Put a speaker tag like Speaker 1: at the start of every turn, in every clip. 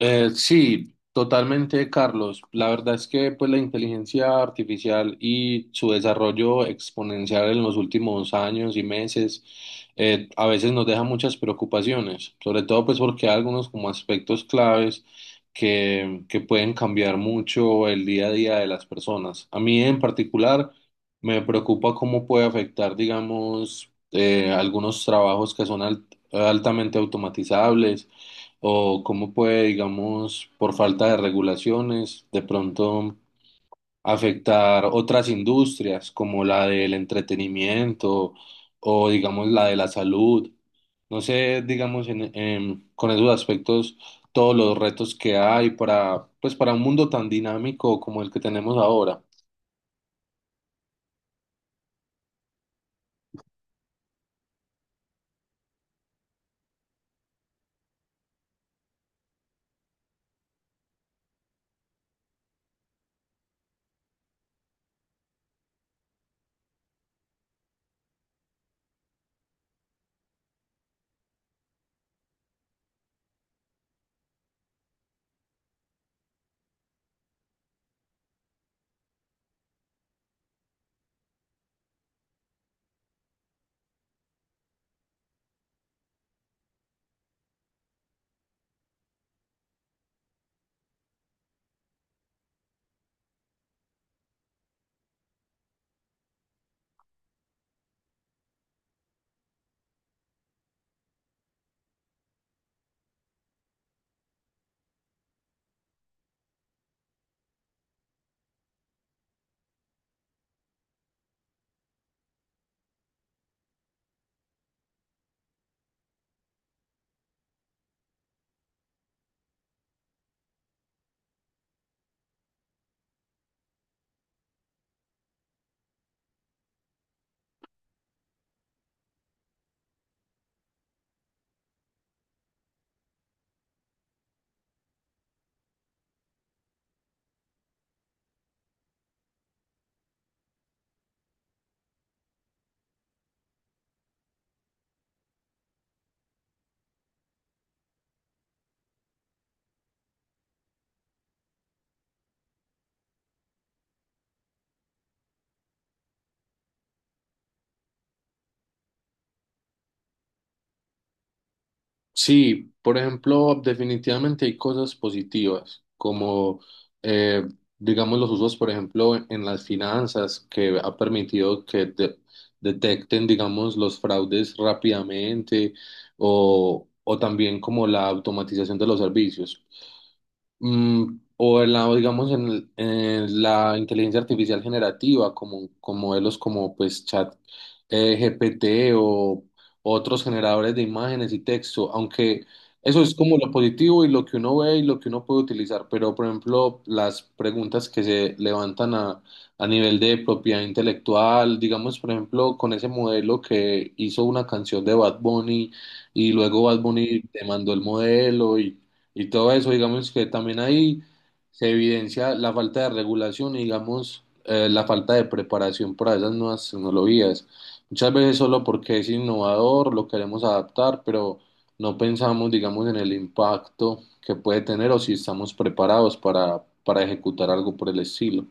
Speaker 1: Sí, totalmente, Carlos. La verdad es que pues, la inteligencia artificial y su desarrollo exponencial en los últimos años y meses a veces nos deja muchas preocupaciones, sobre todo pues porque hay algunos como aspectos claves que pueden cambiar mucho el día a día de las personas. A mí en particular me preocupa cómo puede afectar, digamos, algunos trabajos que son altamente automatizables o cómo puede, digamos, por falta de regulaciones, de pronto afectar otras industrias como la del entretenimiento o, digamos, la de la salud. No sé, digamos, con esos aspectos, todos los retos que hay para, pues, para un mundo tan dinámico como el que tenemos ahora. Sí, por ejemplo, definitivamente hay cosas positivas, como eh, digamos los usos, por ejemplo, en las finanzas, que ha permitido que detecten, digamos, los fraudes rápidamente o también como la automatización de los servicios. O en la, o digamos, en, en la inteligencia artificial generativa, como, con modelos como pues Chat GPT o otros generadores de imágenes y texto, aunque eso es como lo positivo y lo que uno ve y lo que uno puede utilizar, pero por ejemplo, las preguntas que se levantan a nivel de propiedad intelectual, digamos, por ejemplo, con ese modelo que hizo una canción de Bad Bunny y luego Bad Bunny demandó el modelo y todo eso, digamos que también ahí se evidencia la falta de regulación y digamos la falta de preparación para esas nuevas tecnologías. Muchas veces solo porque es innovador lo queremos adaptar, pero no pensamos, digamos, en el impacto que puede tener o si estamos preparados para ejecutar algo por el estilo.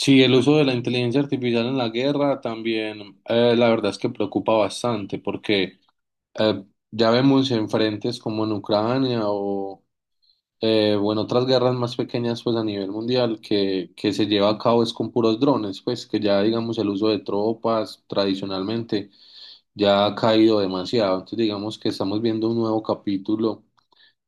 Speaker 1: Sí, el uso de la inteligencia artificial en la guerra también, la verdad es que preocupa bastante porque eh, ya vemos en frentes como en Ucrania o en otras guerras más pequeñas pues a nivel mundial que se lleva a cabo es con puros drones, pues que ya digamos el uso de tropas tradicionalmente ya ha caído demasiado. Entonces digamos que estamos viendo un nuevo capítulo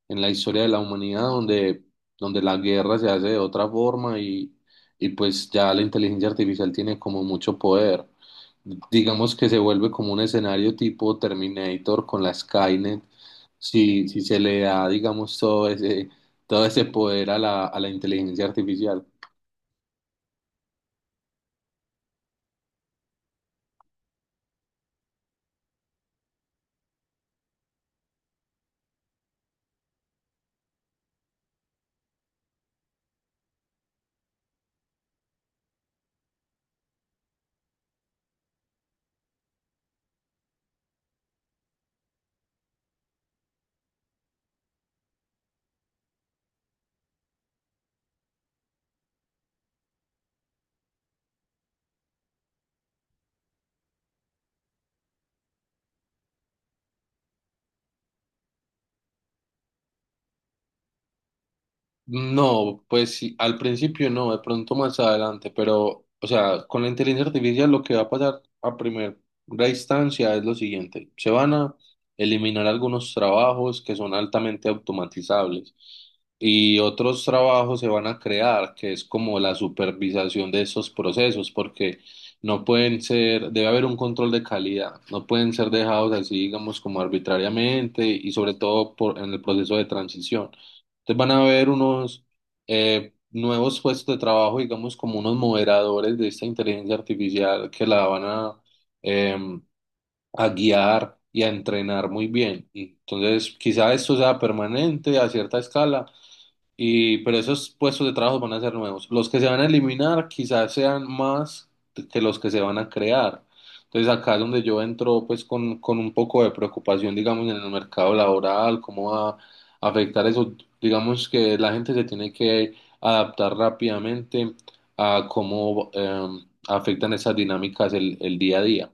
Speaker 1: en la historia de la humanidad donde la guerra se hace de otra forma y pues ya la inteligencia artificial tiene como mucho poder. Digamos que se vuelve como un escenario tipo Terminator con la Skynet, si se le da, digamos, todo ese poder a a la inteligencia artificial. No, pues sí, al principio no, de pronto más adelante, pero, o sea, con la inteligencia artificial lo que va a pasar a primera instancia es lo siguiente, se van a eliminar algunos trabajos que son altamente automatizables y otros trabajos se van a crear, que es como la supervisación de esos procesos, porque no pueden ser, debe haber un control de calidad, no pueden ser dejados así, digamos, como arbitrariamente y sobre todo por, en el proceso de transición. Entonces van a haber unos nuevos puestos de trabajo, digamos, como unos moderadores de esta inteligencia artificial que la van eh, a guiar y a entrenar muy bien. Y entonces, quizá esto sea permanente a cierta escala y, pero esos puestos de trabajo van a ser nuevos. Los que se van a eliminar quizás sean más que los que se van a crear. Entonces acá es donde yo entro pues con un poco de preocupación, digamos, en el mercado laboral, cómo va a afectar eso. Digamos que la gente se tiene que adaptar rápidamente a cómo afectan esas dinámicas el día a día.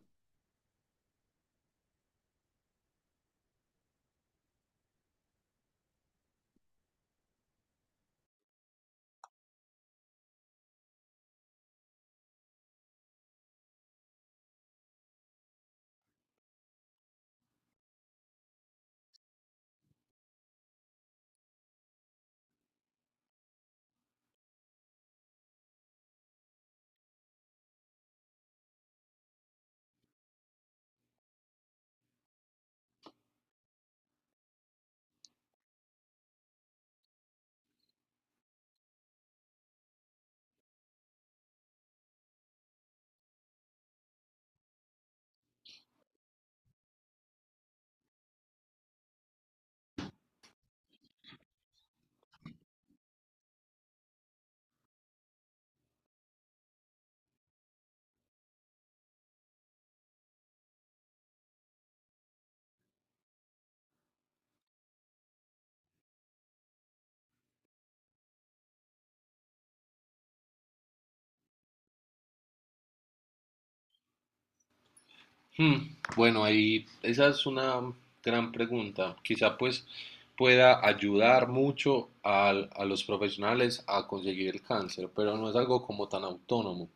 Speaker 1: Bueno, ahí esa es una gran pregunta. Quizá pues pueda ayudar mucho a, los profesionales a conseguir el cáncer, pero no es algo como tan autónomo.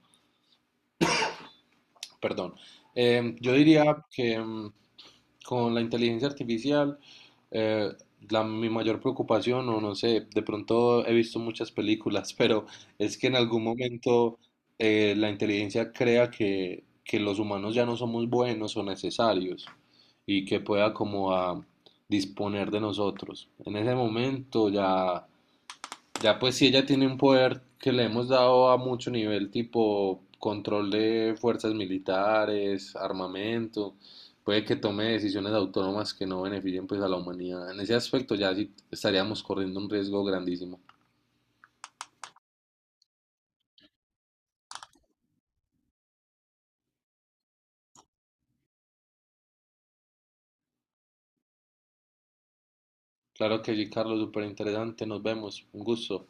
Speaker 1: Perdón. Yo diría que con la inteligencia artificial, eh, la, mi mayor preocupación, o no sé, de pronto he visto muchas películas, pero es que en algún momento la inteligencia crea que los humanos ya no somos buenos o necesarios y que pueda como a disponer de nosotros. En ese momento ya pues si ella tiene un poder que le hemos dado a mucho nivel, tipo control de fuerzas militares, armamento, puede que tome decisiones autónomas que no beneficien pues a la humanidad. En ese aspecto ya sí estaríamos corriendo un riesgo grandísimo. Claro que sí, Carlos, súper interesante. Nos vemos. Un gusto.